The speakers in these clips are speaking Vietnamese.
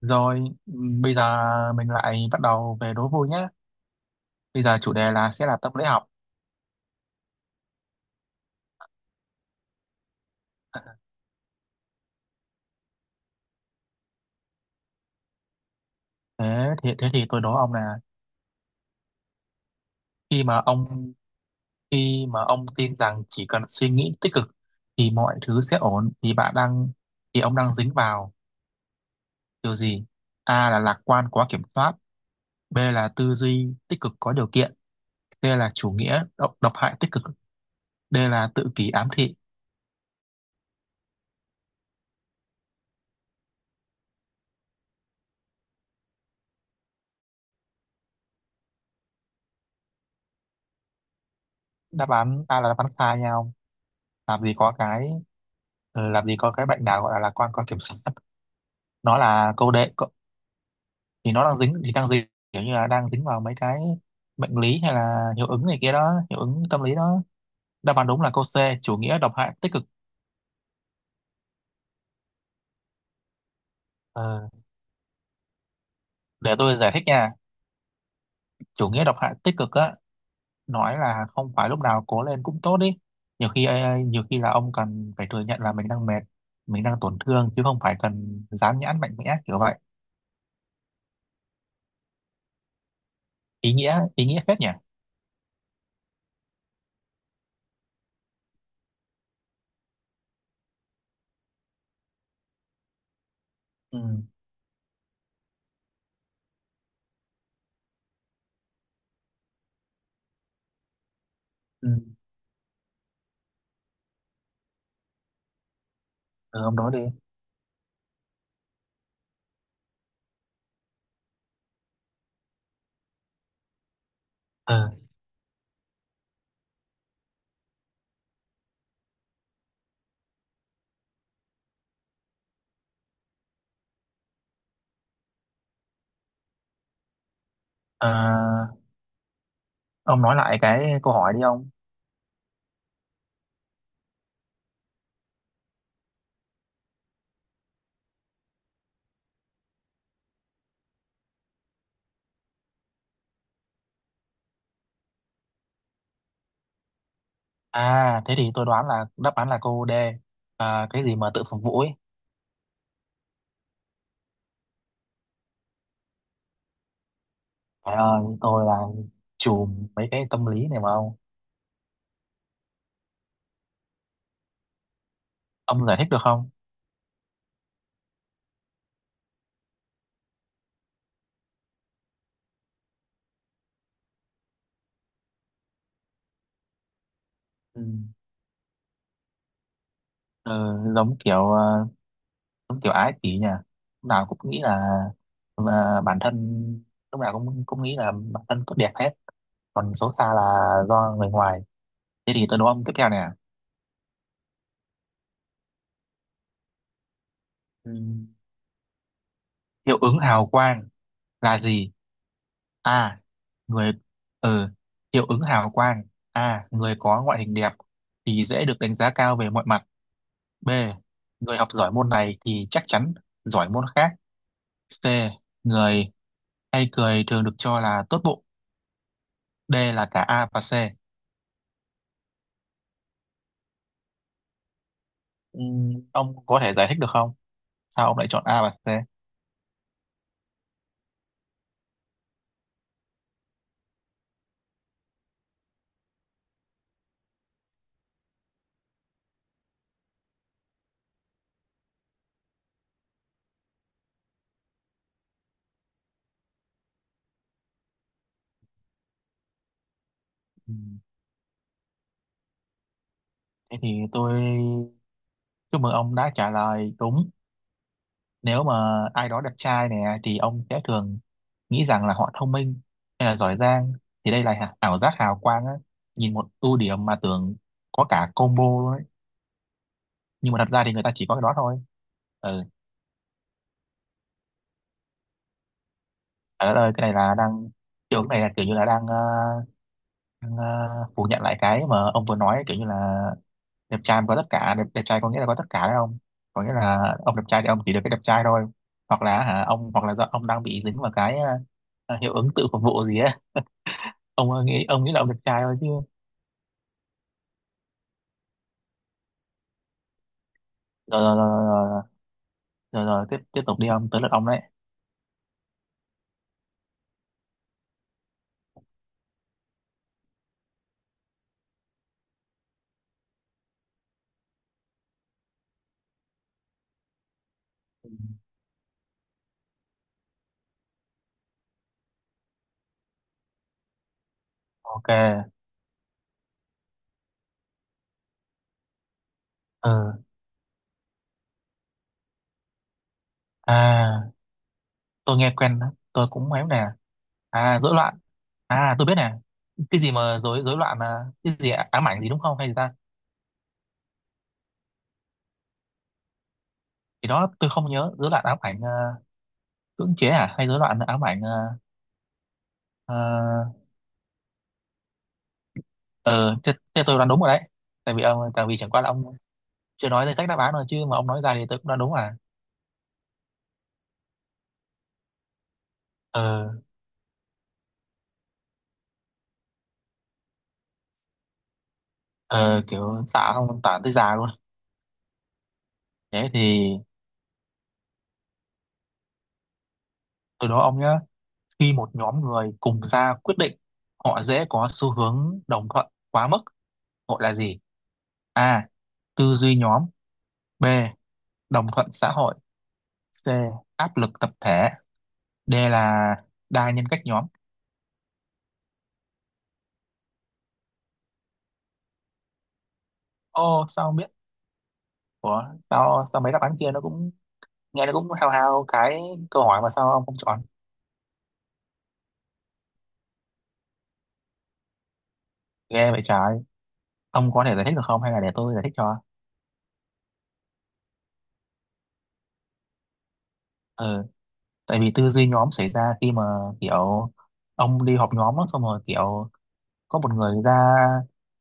Rồi, bây giờ mình lại bắt đầu về đố vui nhé. Bây giờ chủ đề là sẽ là tâm lý học. Thế thì tôi đố ông là khi mà ông khi mà ông tin rằng chỉ cần suy nghĩ tích cực thì mọi thứ sẽ ổn thì ông đang dính vào điều gì? A là lạc quan quá kiểm soát, B là tư duy tích cực có điều kiện, C là chủ nghĩa độc hại tích cực, D là tự kỷ ám thị. Đáp án A là đáp án sai nhau. Làm gì có cái làm gì có cái bệnh nào gọi là lạc quan quá kiểm soát. Nó là câu thì đang dính kiểu như là đang dính vào mấy cái bệnh lý hay là hiệu ứng này kia đó, hiệu ứng tâm lý đó. Đáp án đúng là câu C, chủ nghĩa độc hại tích cực. Ờ, để tôi giải thích nha. Chủ nghĩa độc hại tích cực á, nói là không phải lúc nào cố lên cũng tốt đi, nhiều khi nhiều khi là ông cần phải thừa nhận là mình đang mệt, mình đang tổn thương, chứ không phải cần dán nhãn mạnh mẽ kiểu vậy. Ý nghĩa phết nhỉ. Ừ, ừ, ừ ông nói đi. Ừ. Ờ, ông nói lại cái câu hỏi đi ông. À, thế thì tôi đoán là đáp án là cô D. À, cái gì mà tự phục vụ ấy. Trời ơi, tôi là chùm mấy cái tâm lý này mà ông. Ông giải thích được không? Ừ. Ừ, giống kiểu ờ, giống kiểu ái kỷ nhỉ. Lúc nào cũng nghĩ là bản thân lúc nào cũng cũng nghĩ là bản thân tốt đẹp hết. Còn xấu xa là do người ngoài. Thế thì tôi đố ông tiếp theo nè. Ừ. Hiệu ứng hào quang là gì? A người ờ Hiệu ứng hào quang. A, người có ngoại hình đẹp thì dễ được đánh giá cao về mọi mặt. B, người học giỏi môn này thì chắc chắn giỏi môn khác. C, người hay cười thường được cho là tốt bụng. D là cả A và C. Ông có thể giải thích được không, sao ông lại chọn A và C? Ừm, thế thì tôi chúc mừng ông đã trả lời đúng. Nếu mà ai đó đẹp trai nè, thì ông sẽ thường nghĩ rằng là họ thông minh hay là giỏi giang, thì đây là ảo giác hào quang á, nhìn một ưu điểm mà tưởng có cả combo luôn ấy, nhưng mà thật ra thì người ta chỉ có cái đó thôi. Ừ. Ở đây cái này là đang, kiểu cái này là kiểu như là đang phủ nhận lại cái mà ông vừa nói, kiểu như là đẹp trai mà có tất cả, đẹp trai có nghĩa là có tất cả đấy không, có nghĩa là ông đẹp trai thì ông chỉ được cái đẹp trai thôi. Hoặc là hả ông, hoặc là do ông đang bị dính vào cái hiệu ứng tự phục vụ gì á, ông ơi, ông nghĩ là ông đẹp trai thôi chứ. Rồi, rồi, rồi, rồi, rồi, rồi, rồi. Tiếp Tiếp tục đi ông, tới lượt ông đấy. Ừ. OK. Ừ. À, tôi nghe quen đó. Tôi cũng cũngém nè. À, rối loạn. À, tôi biết nè. Cái gì mà rối rối loạn là cái gì ám ảnh gì đúng không, hay gì ta? Thì đó tôi không nhớ, rối loạn ám ảnh cưỡng chế, à hay rối loạn ám ảnh ờ. Ờ, ờ, thế tôi đoán đúng rồi đấy. Tại vì ông, tại vì chẳng qua là ông chưa nói danh sách đáp án rồi chứ mà ông nói ra thì tôi cũng đoán đúng à. Ờ. Ờ, kiểu xạ không tản tới già luôn. Thế thì từ đó ông nhá, khi một nhóm người cùng ra quyết định, họ dễ có xu hướng đồng thuận quá mức, gọi là gì? A, tư duy nhóm. B, đồng thuận xã hội. C, áp lực tập thể. D là đa nhân cách nhóm. Ô, sao không biết? Ủa, sao mấy đáp án kia nó cũng nghe nó cũng hao hao cái câu hỏi mà sao ông không chọn? Ghê vậy trời, ông có thể giải thích được không, hay là để tôi giải thích cho? Ừ, tại vì tư duy nhóm xảy ra khi mà kiểu ông đi họp nhóm á, xong rồi kiểu có một người ra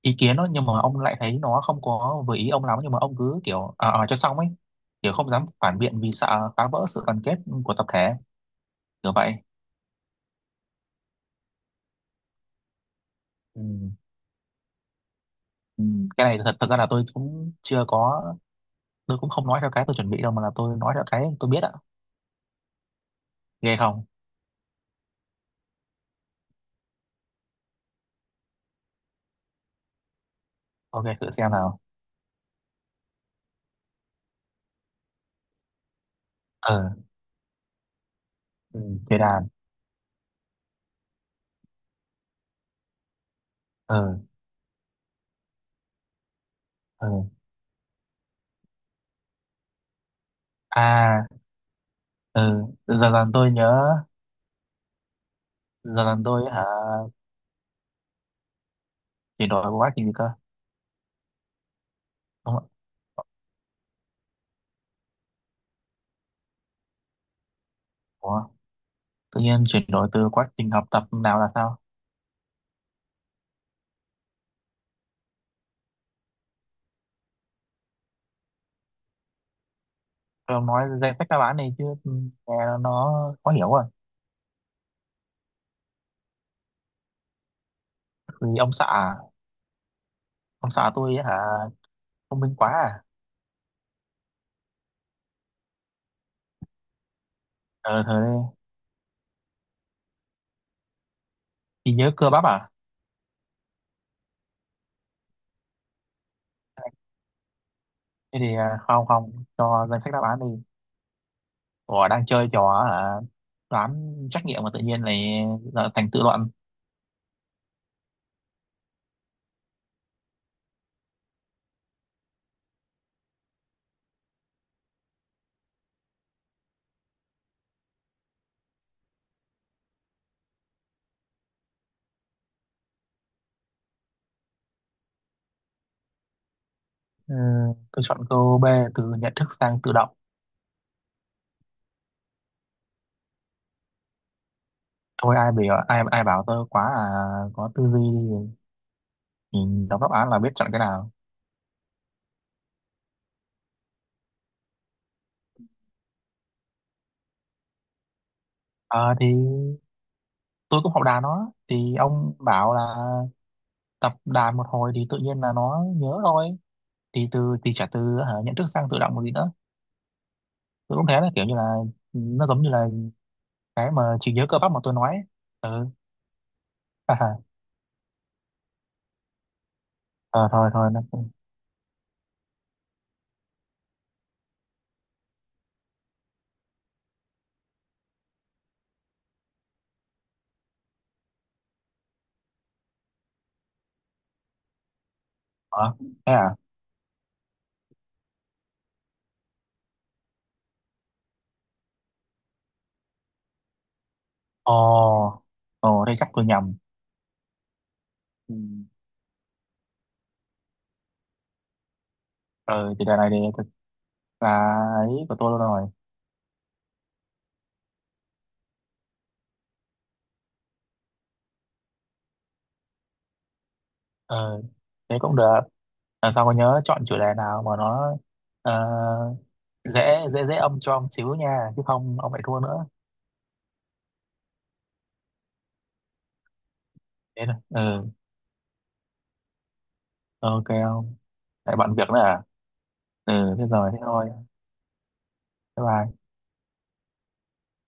ý kiến đó, nhưng mà ông lại thấy nó không có vừa ý ông lắm, nhưng mà ông cứ kiểu ở cho xong ấy, kiểu không dám phản biện vì sợ phá vỡ sự đoàn kết của tập thể, kiểu vậy. Ừ. Ừ. Cái này thật thật ra là tôi cũng chưa có, tôi cũng không nói theo cái tôi chuẩn bị đâu, mà là tôi nói theo cái tôi biết ạ. Ghê không. OK, thử xem nào. Ờ. Ừ. Thế đàn. Ờ. Ờ. À. Ờ. Dần dần tôi nhớ. Dần dần tôi hả? Chuyển đổi quá trình gì cơ? Đúng không ạ? Ủa? Tự nhiên chuyển đổi từ quá trình học tập nào là sao? Ông nói danh sách đáp án này chứ, ừ, nghe nó khó hiểu rồi. Vì ông xã à? Ông xã tôi ấy hả? Thông minh quá à. Ờ thời đây. Chỉ nhớ cơ bắp à. Thế thì không, không cho danh sách đáp án đi. Ủa đang chơi trò hả, đoán trắc nghiệm mà tự nhiên này là thành tự luận. Ừ, tôi chọn câu B, từ nhận thức sang tự động. Thôi ai biểu, ai ai bảo tôi quá à, có tư duy thì nhìn đọc đáp án là biết chọn cái nào. Ờ thì tôi cũng học đàn nó, thì ông bảo là tập đàn một hồi thì tự nhiên là nó nhớ thôi. Thì từ thì trả từ hả, nhận thức sang tự động một gì nữa. Tôi cũng thế, là kiểu như là, ừ, nó giống như là cái mà trí nhớ cơ bắp mà tôi nói ấy. Ừ. Ha ha. Ờ thôi Thôi nó cũng ờ. Thế à. Ồ. Ồ, đây chắc tôi nhầm. Ừ. Ờ, thì đề này thì thực là ấy của tôi luôn rồi. Ờ, thế cũng được. Lần sau có nhớ chọn chủ đề nào mà nó ờ, dễ dễ dễ âm cho ông xíu nha, chứ không ông lại thua nữa. Thế thôi. Ừ. OK không. Tại bận việc nữa à. Ừ thế rồi, thế thôi. Bye bye.